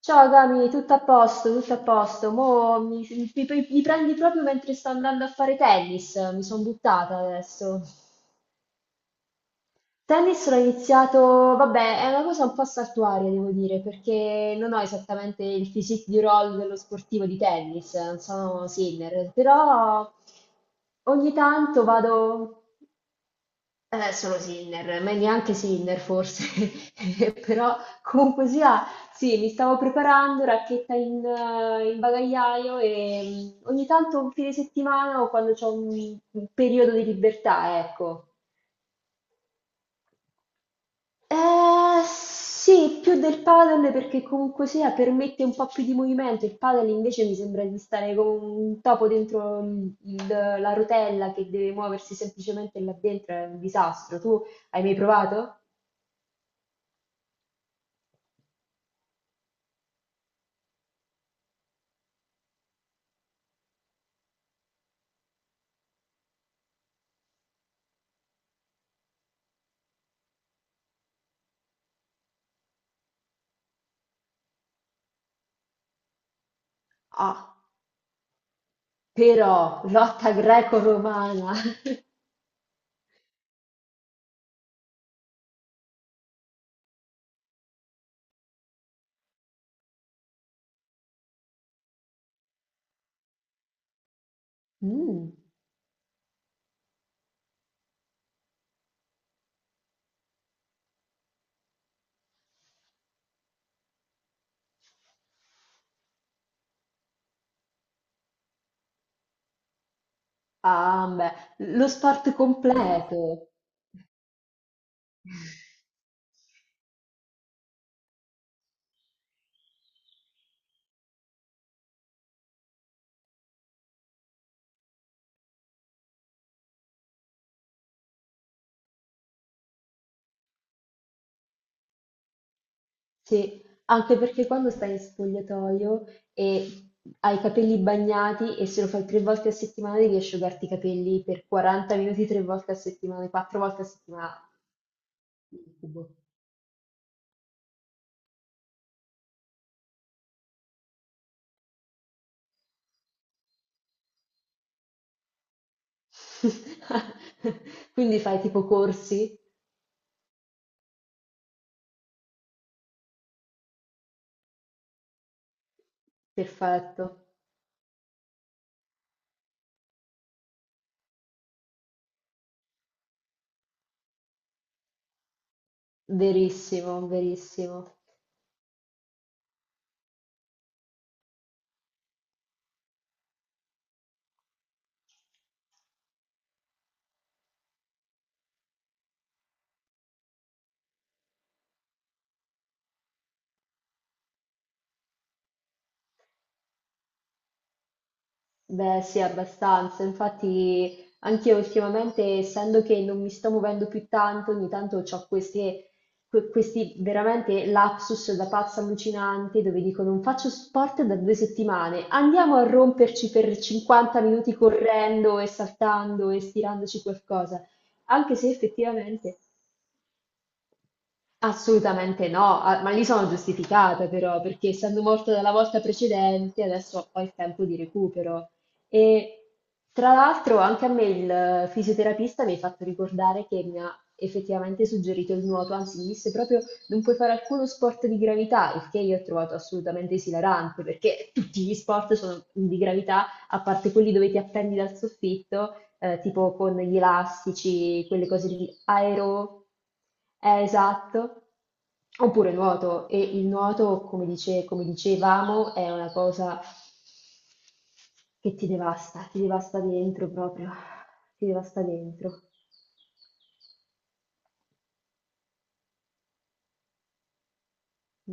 Ciao Gami, tutto a posto, tutto a posto. Mo mi prendi proprio mentre sto andando a fare tennis, mi sono buttata adesso. Tennis l'ho iniziato, vabbè, è una cosa un po' saltuaria, devo dire, perché non ho esattamente il physique di roll dello sportivo di tennis, non sono Sinner, però ogni tanto vado. Solo Sinner, ma neanche Sinner forse, però comunque sia, sì, mi stavo preparando, racchetta in bagagliaio e ogni tanto un fine settimana o quando c'ho un periodo di libertà, ecco. Sì, più del padel perché comunque sia permette un po' più di movimento, il padel invece mi sembra di stare come un topo dentro la rotella che deve muoversi semplicemente là dentro, è un disastro. Tu hai mai provato? Ah. Però lotta greco-romana. Mm. Ah, beh, lo sport completo. Sì, anche perché quando stai in spogliatoio e hai i capelli bagnati e se lo fai tre volte a settimana devi asciugarti i capelli per 40 minuti tre volte a settimana, quattro volte a settimana. Incubo. Quindi fai tipo corsi? Perfetto, verissimo, verissimo. Beh, sì, abbastanza. Infatti, anche io ultimamente, essendo che non mi sto muovendo più tanto, ogni tanto ho queste, questi veramente lapsus da pazza allucinante dove dico non faccio sport da 2 settimane, andiamo a romperci per 50 minuti correndo e saltando e stirandoci qualcosa. Anche se effettivamente. Assolutamente no, ah, ma lì sono giustificata però, perché essendo morta dalla volta precedente, adesso ho il tempo di recupero. E tra l'altro anche a me il fisioterapista mi ha fatto ricordare che mi ha effettivamente suggerito il nuoto, anzi mi disse proprio non puoi fare alcuno sport di gravità, il che io ho trovato assolutamente esilarante, perché tutti gli sport sono di gravità, a parte quelli dove ti appendi dal soffitto tipo con gli elastici, quelle cose di aero, esatto, oppure nuoto. E il nuoto, come dicevamo, è una cosa che ti devasta dentro proprio, ti devasta dentro.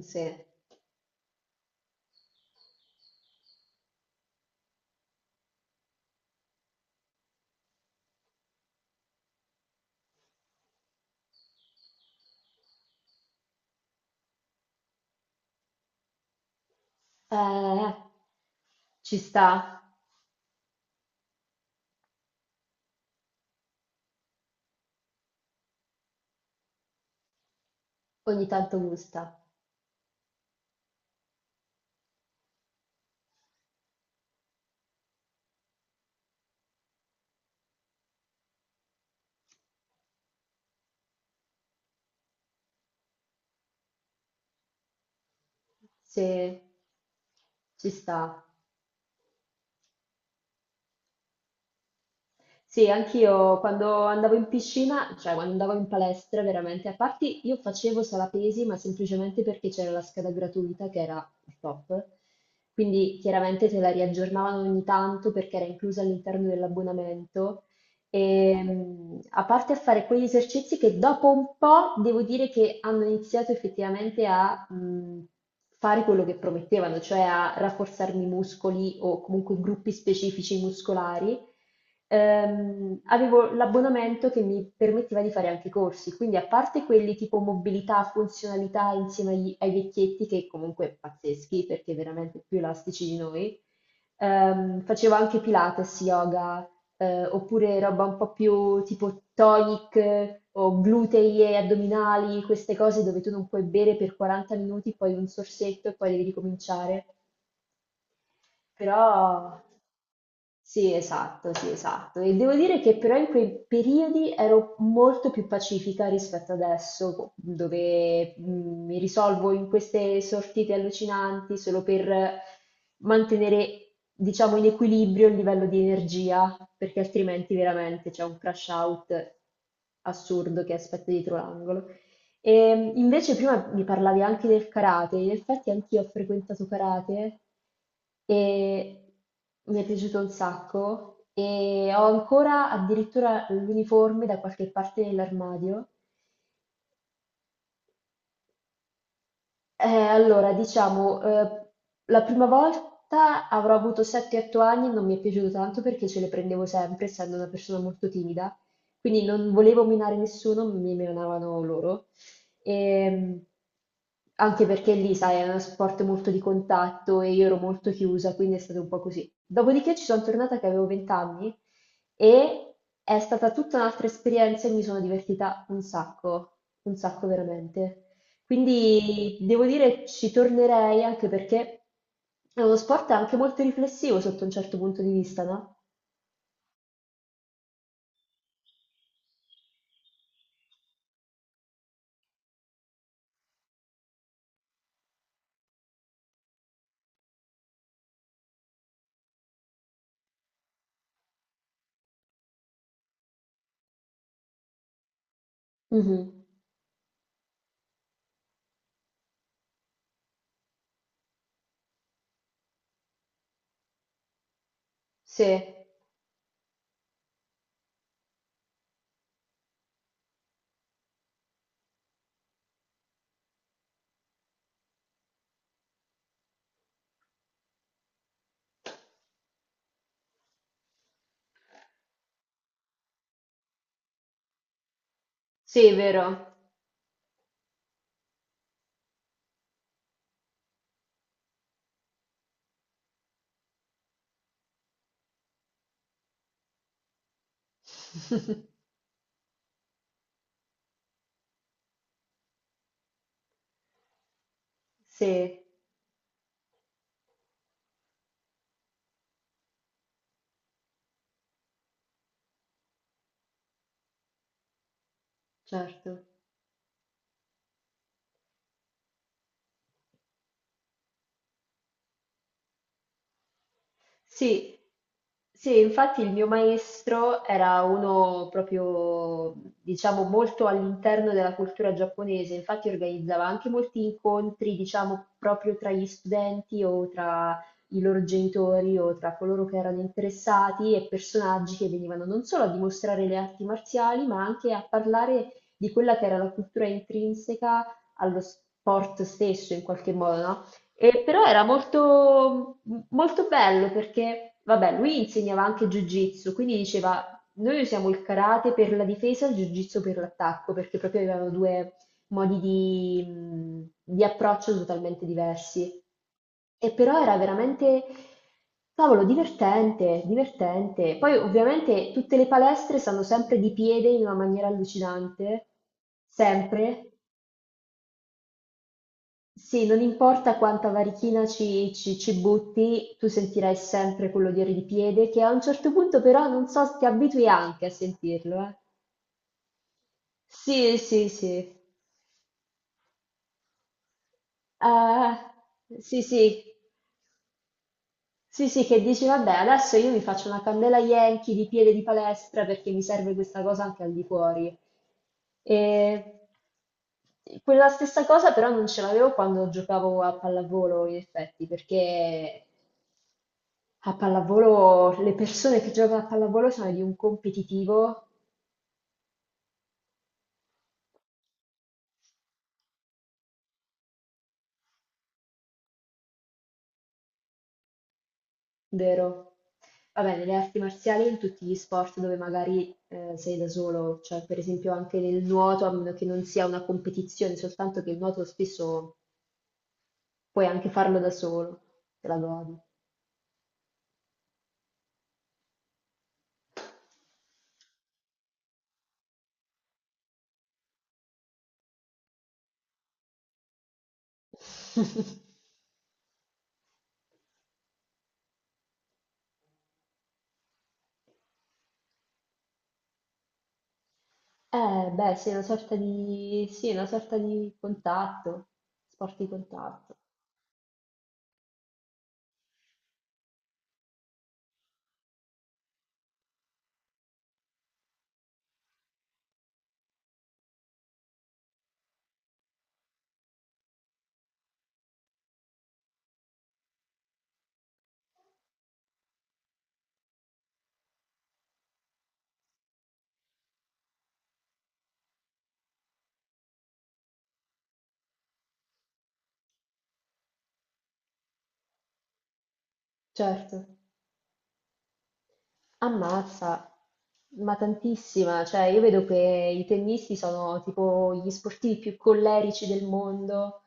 Sì. Eh, ci sta, ogni tanto gusta, sì, ci sta. Sì, anch'io quando andavo in piscina, cioè quando andavo in palestra, veramente, a parte io facevo sala pesi, ma semplicemente perché c'era la scheda gratuita che era il top, quindi chiaramente te la riaggiornavano ogni tanto perché era inclusa all'interno dell'abbonamento. E a parte a fare quegli esercizi che dopo un po' devo dire che hanno iniziato effettivamente a fare quello che promettevano, cioè a rafforzarmi i muscoli o comunque gruppi specifici muscolari, avevo l'abbonamento che mi permetteva di fare anche i corsi, quindi a parte quelli tipo mobilità, funzionalità insieme ai vecchietti, che comunque pazzeschi perché veramente più elastici di noi, facevo anche Pilates, yoga, oppure roba un po' più tipo tonic o glutei e addominali, queste cose dove tu non puoi bere per 40 minuti, poi un sorsetto e poi devi ricominciare. Però sì, esatto, sì, esatto. E devo dire che però in quei periodi ero molto più pacifica rispetto adesso, dove mi risolvo in queste sortite allucinanti solo per mantenere, diciamo, in equilibrio il livello di energia, perché altrimenti veramente c'è un crash out assurdo che aspetta dietro l'angolo. E invece prima mi parlavi anche del karate, in effetti anch'io ho frequentato karate e mi è piaciuto un sacco e ho ancora addirittura l'uniforme da qualche parte nell'armadio. Allora, diciamo, la prima volta avrò avuto 7-8 anni, non mi è piaciuto tanto perché ce le prendevo sempre, essendo una persona molto timida, quindi non volevo minare nessuno, mi minavano loro. Ehm, anche perché lì, sai, è uno sport molto di contatto e io ero molto chiusa, quindi è stato un po' così. Dopodiché ci sono tornata che avevo 20 anni e è stata tutta un'altra esperienza e mi sono divertita un sacco veramente. Quindi devo dire ci tornerei anche perché è uno sport anche molto riflessivo sotto un certo punto di vista, no? Mhm. Sì, sì, è vero. Sì, certo. Sì, sì, infatti il mio maestro era uno proprio, diciamo, molto all'interno della cultura giapponese, infatti organizzava anche molti incontri, diciamo, proprio tra gli studenti o tra i loro genitori o tra coloro che erano interessati e personaggi che venivano non solo a dimostrare le arti marziali, ma anche a parlare di quella che era la cultura intrinseca allo sport stesso in qualche modo, no? E però era molto, molto bello perché, vabbè, lui insegnava anche Jiu-Jitsu, quindi diceva, noi usiamo il karate per la difesa e il Jiu-Jitsu per l'attacco, perché proprio avevano due modi di approccio totalmente diversi. E però era veramente, cavolo, divertente, divertente. Poi ovviamente tutte le palestre stanno sempre di piede in una maniera allucinante, sempre. Sì, non importa quanta varichina ci butti, tu sentirai sempre quell'odore di piede che a un certo punto però non so, ti abitui anche a sentirlo, eh. Sì, sì, sì. Ah, sì, sì. Sì, sì, che dici, vabbè, adesso io mi faccio una candela Yankee di piede di palestra perché mi serve questa cosa anche al di fuori. E quella stessa cosa però non ce l'avevo quando giocavo a pallavolo, in effetti, perché a pallavolo, le persone che giocano a pallavolo sono di un competitivo vero. Vabbè, nelle arti marziali, in tutti gli sport dove magari sei da solo, cioè per esempio anche nel nuoto, a meno che non sia una competizione, soltanto che il nuoto spesso puoi anche farlo da solo, te la godi. Beh, sì, è una sorta di, sì, è una sorta di contatto, sport di contatto, certo. Ammazza, ma tantissima, cioè io vedo che i tennisti sono tipo gli sportivi più collerici del mondo,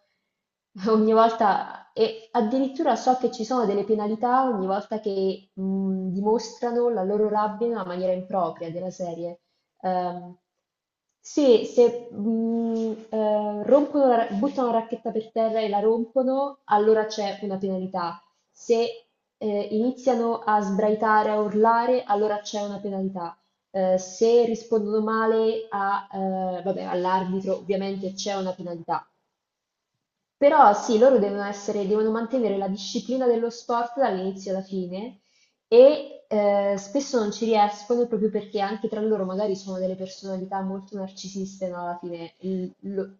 ogni volta, e addirittura so che ci sono delle penalità ogni volta che dimostrano la loro rabbia in una maniera impropria della serie. Ehm, se buttano la racchetta per terra e la rompono, allora c'è una penalità. Se iniziano a sbraitare, a urlare, allora c'è una penalità. Se rispondono male a, vabbè, all'arbitro, ovviamente c'è una penalità. Però sì, loro devono essere, devono mantenere la disciplina dello sport dall'inizio alla fine e spesso non ci riescono proprio perché anche tra loro magari sono delle personalità molto narcisiste, no? Alla fine, Il- lo-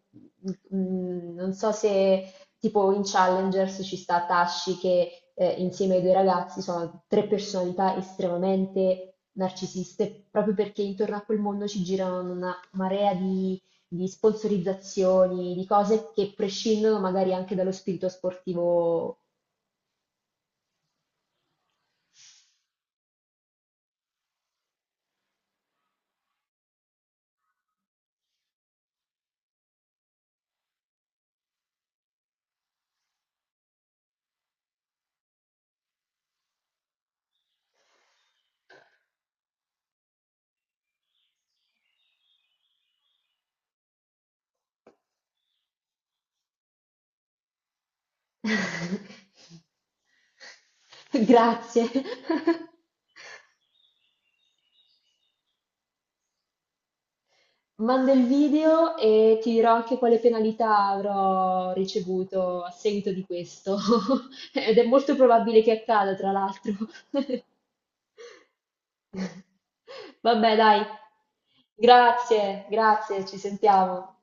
mm, non so se tipo in Challengers ci sta Tashi che insieme ai due ragazzi sono tre personalità estremamente narcisiste, proprio perché intorno a quel mondo ci girano una marea di sponsorizzazioni, di cose che prescindono magari anche dallo spirito sportivo. Grazie. Manda il video e ti dirò anche quale penalità avrò ricevuto a seguito di questo. Ed è molto probabile che accada, tra l'altro. Vabbè, dai. Grazie, grazie, ci sentiamo.